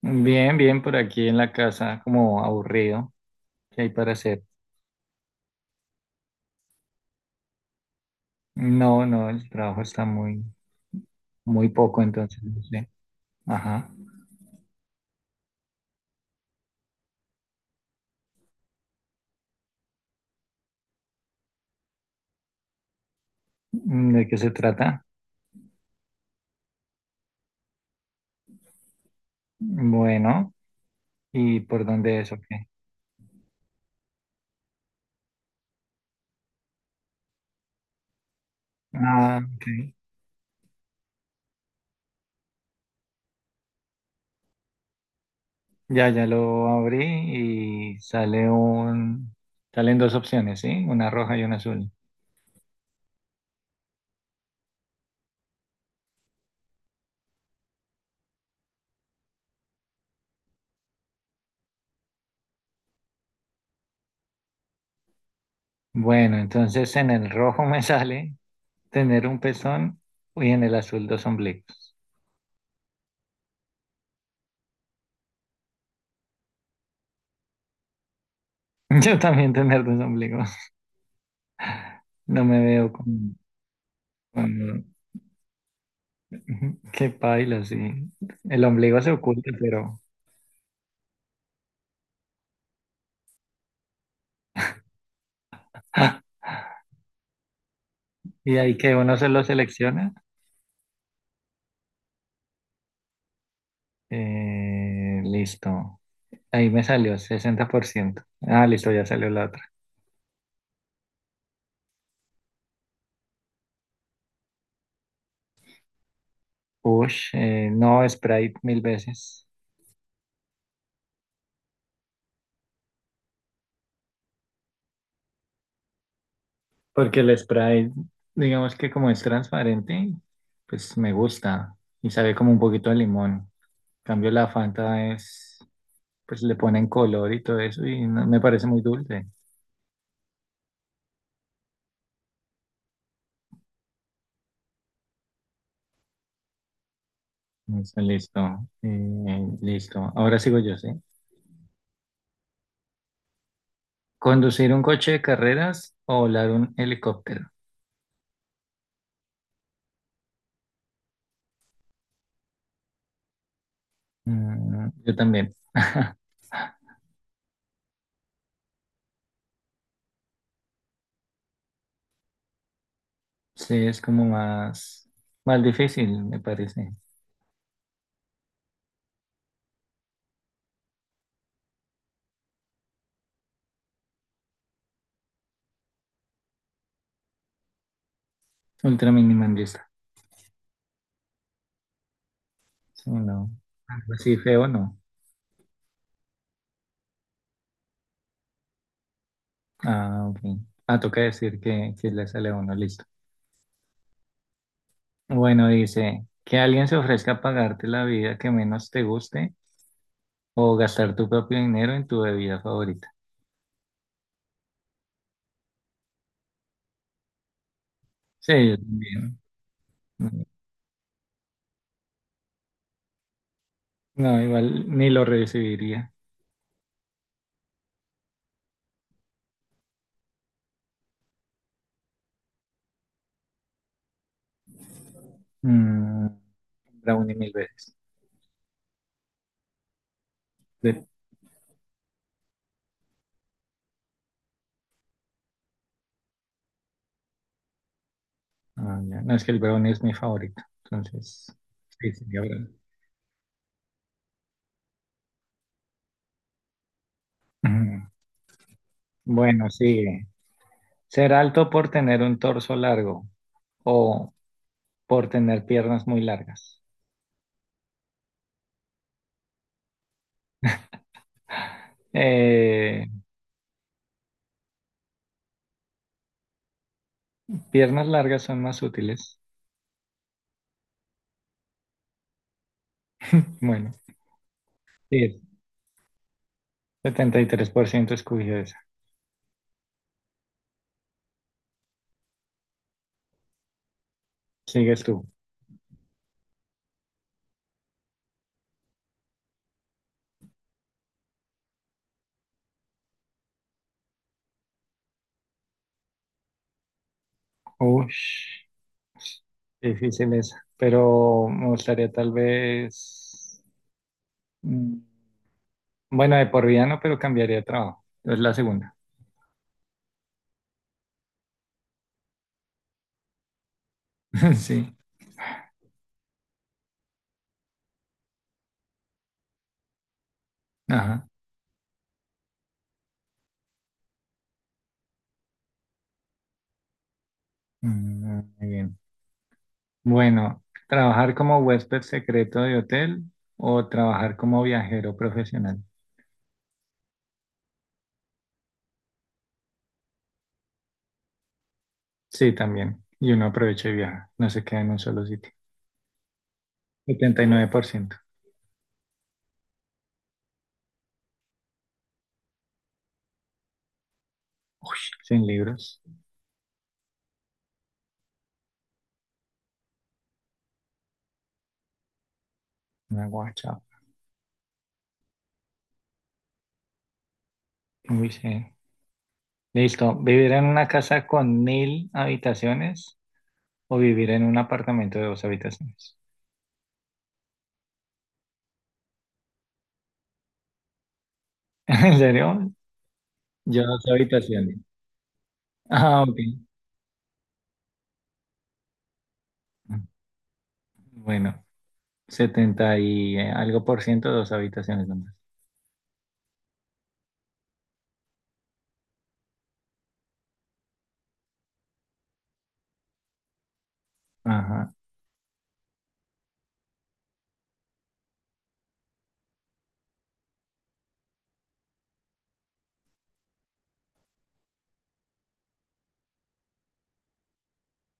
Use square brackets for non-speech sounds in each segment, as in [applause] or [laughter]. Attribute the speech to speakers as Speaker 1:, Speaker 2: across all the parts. Speaker 1: Bien, bien, por aquí en la casa, como aburrido, ¿qué hay para hacer? No, no, el trabajo está muy, muy poco, entonces no sé. Ajá. Mm, ¿de qué se trata? Bueno, ¿y por dónde es o qué? Ah, ok. Ya, ya lo abrí y salen dos opciones, ¿sí? Una roja y una azul. Bueno, entonces en el rojo me [laughs] sale tener un pezón y en el azul dos ombligos. [laughs] Yo también tener dos ombligos. No me veo con. Mm, ujú, qué paila, sí. El ombligo se oculta, pero. [laughs] ¡Ah! Y ahí que uno se lo selecciona. Listo. Ahí me salió 60%. Ah, listo, ya salió la otra. Ush, no, Sprite mil veces. Porque el Sprite, digamos que como es transparente, pues me gusta y sabe como un poquito de limón. En cambio, la Fanta es, pues le ponen color y todo eso y me parece muy dulce. Listo, listo. Listo. Ahora sigo yo, ¿sí? ¿Conducir un coche de carreras o volar un helicóptero? Mm, yo también. [laughs] Sí, es como más, más difícil, me parece. Ultra minimalista. Sí, no. Algo así feo, no. Ah, ok. Ah, toca decir que le sale a uno, listo. Bueno, dice, que alguien se ofrezca a pagarte la vida que menos te guste o gastar tu propio dinero en tu bebida favorita. Sí, yo también. No, igual ni lo recibiría. Mm, brownie mil veces. De- Ah, ya. No, es que el brownie es mi favorito. Entonces, sí, sería brownie. Ujú. Bueno, sigue. Ser alto por tener un torso largo o por tener piernas muy largas. Eh, piernas largas son más útiles. Bueno, sí, 73% escogió esa. Sigues tú. Ush, difícil esa. Pero me gustaría tal vez. mm, Bueno, de por vida no, pero cambiaría de trabajo. Es la segunda. [laughs] Sí. Ajá. Mm, muy bien. Bueno, ¿trabajar como huésped secreto de hotel o trabajar como viajero profesional? Sí, también. Y uno aprovecha y viaja. No se queda en un solo sitio. 79%. Sin libros. Una guacha. Uy, sí. Listo. ¿Vivir en una casa con mil habitaciones o vivir en un apartamento de dos habitaciones? [laughs] ¿En serio? Yo dos habitaciones. Ah, ok. Bueno, 70 y algo por ciento, dos habitaciones nomás. Ajá.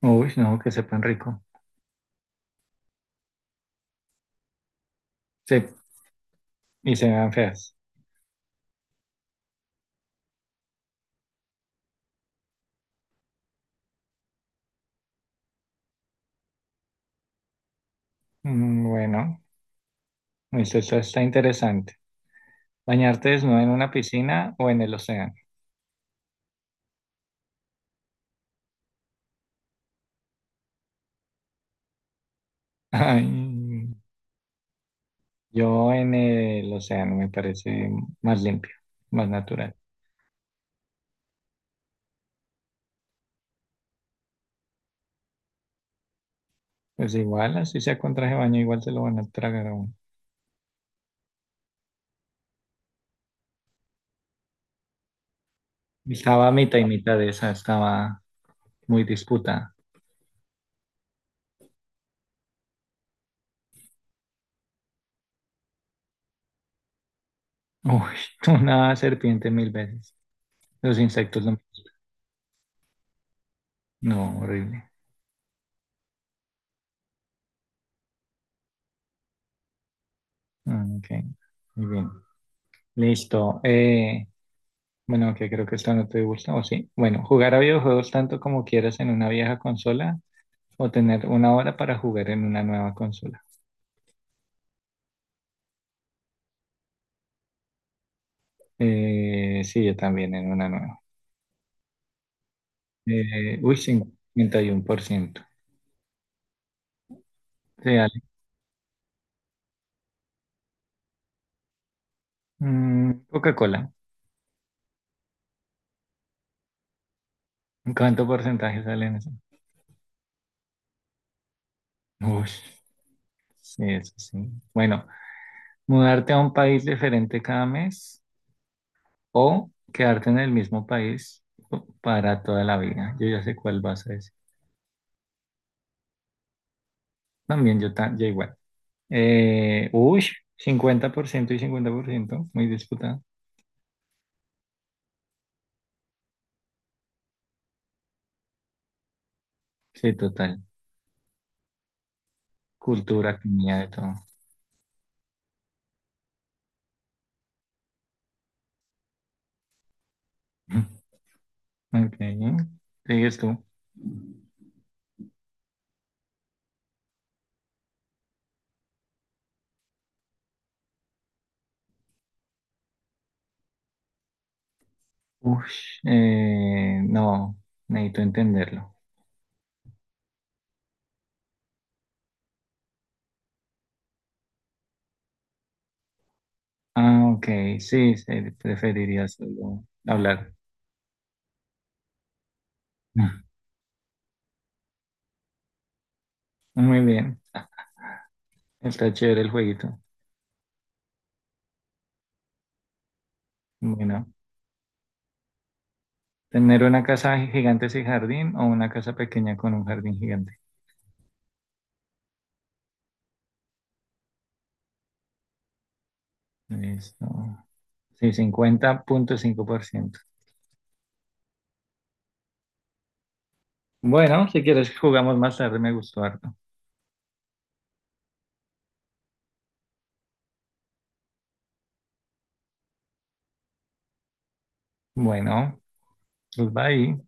Speaker 1: Uy, no, que sepan rico. Sí, y se vean feas. Bueno, eso está interesante. ¿Bañarte desnudo en una piscina o en el océano? [laughs] Ay, yo en el océano me parece más limpio, más natural. Pues igual, así sea con traje de baño, igual se lo van a tragar a uno. Estaba mitad y mitad de esa, estaba muy disputada. Uy, [laughs] una serpiente mil veces. Los insectos no. No, horrible. Ah, ok, muy bien. Listo. Bueno, que creo que esta no te gusta, ¿o sí? Bueno, jugar a videojuegos tanto como quieras en una vieja consola o tener una hora para jugar en una nueva consola. Sí, yo también en una nueva. Uy, 51%. Sí, dale. Mm, Coca-Cola. ¿Cuánto porcentaje sale en eso? Uy, sí, eso sí. Bueno, mudarte a un país diferente cada mes o quedarte en el mismo país para toda la vida. Yo ya sé cuál vas a decir. También yo, yo igual. Uy, 50% y 50% muy disputado. Sí, total. Cultura, comida, de todo. [laughs] Ok, sigues tú. Uy, no, necesito entenderlo. Ah, ok, sí, sí, preferiría solo hablar. [laughs] Muy bien, está chévere el jueguito. Bueno. Tener una casa gigante sin jardín o una casa pequeña con un jardín gigante. Listo. Sí, 50.5%. Bueno, si quieres jugamos más tarde, me gustó harto. Bueno, pues bye.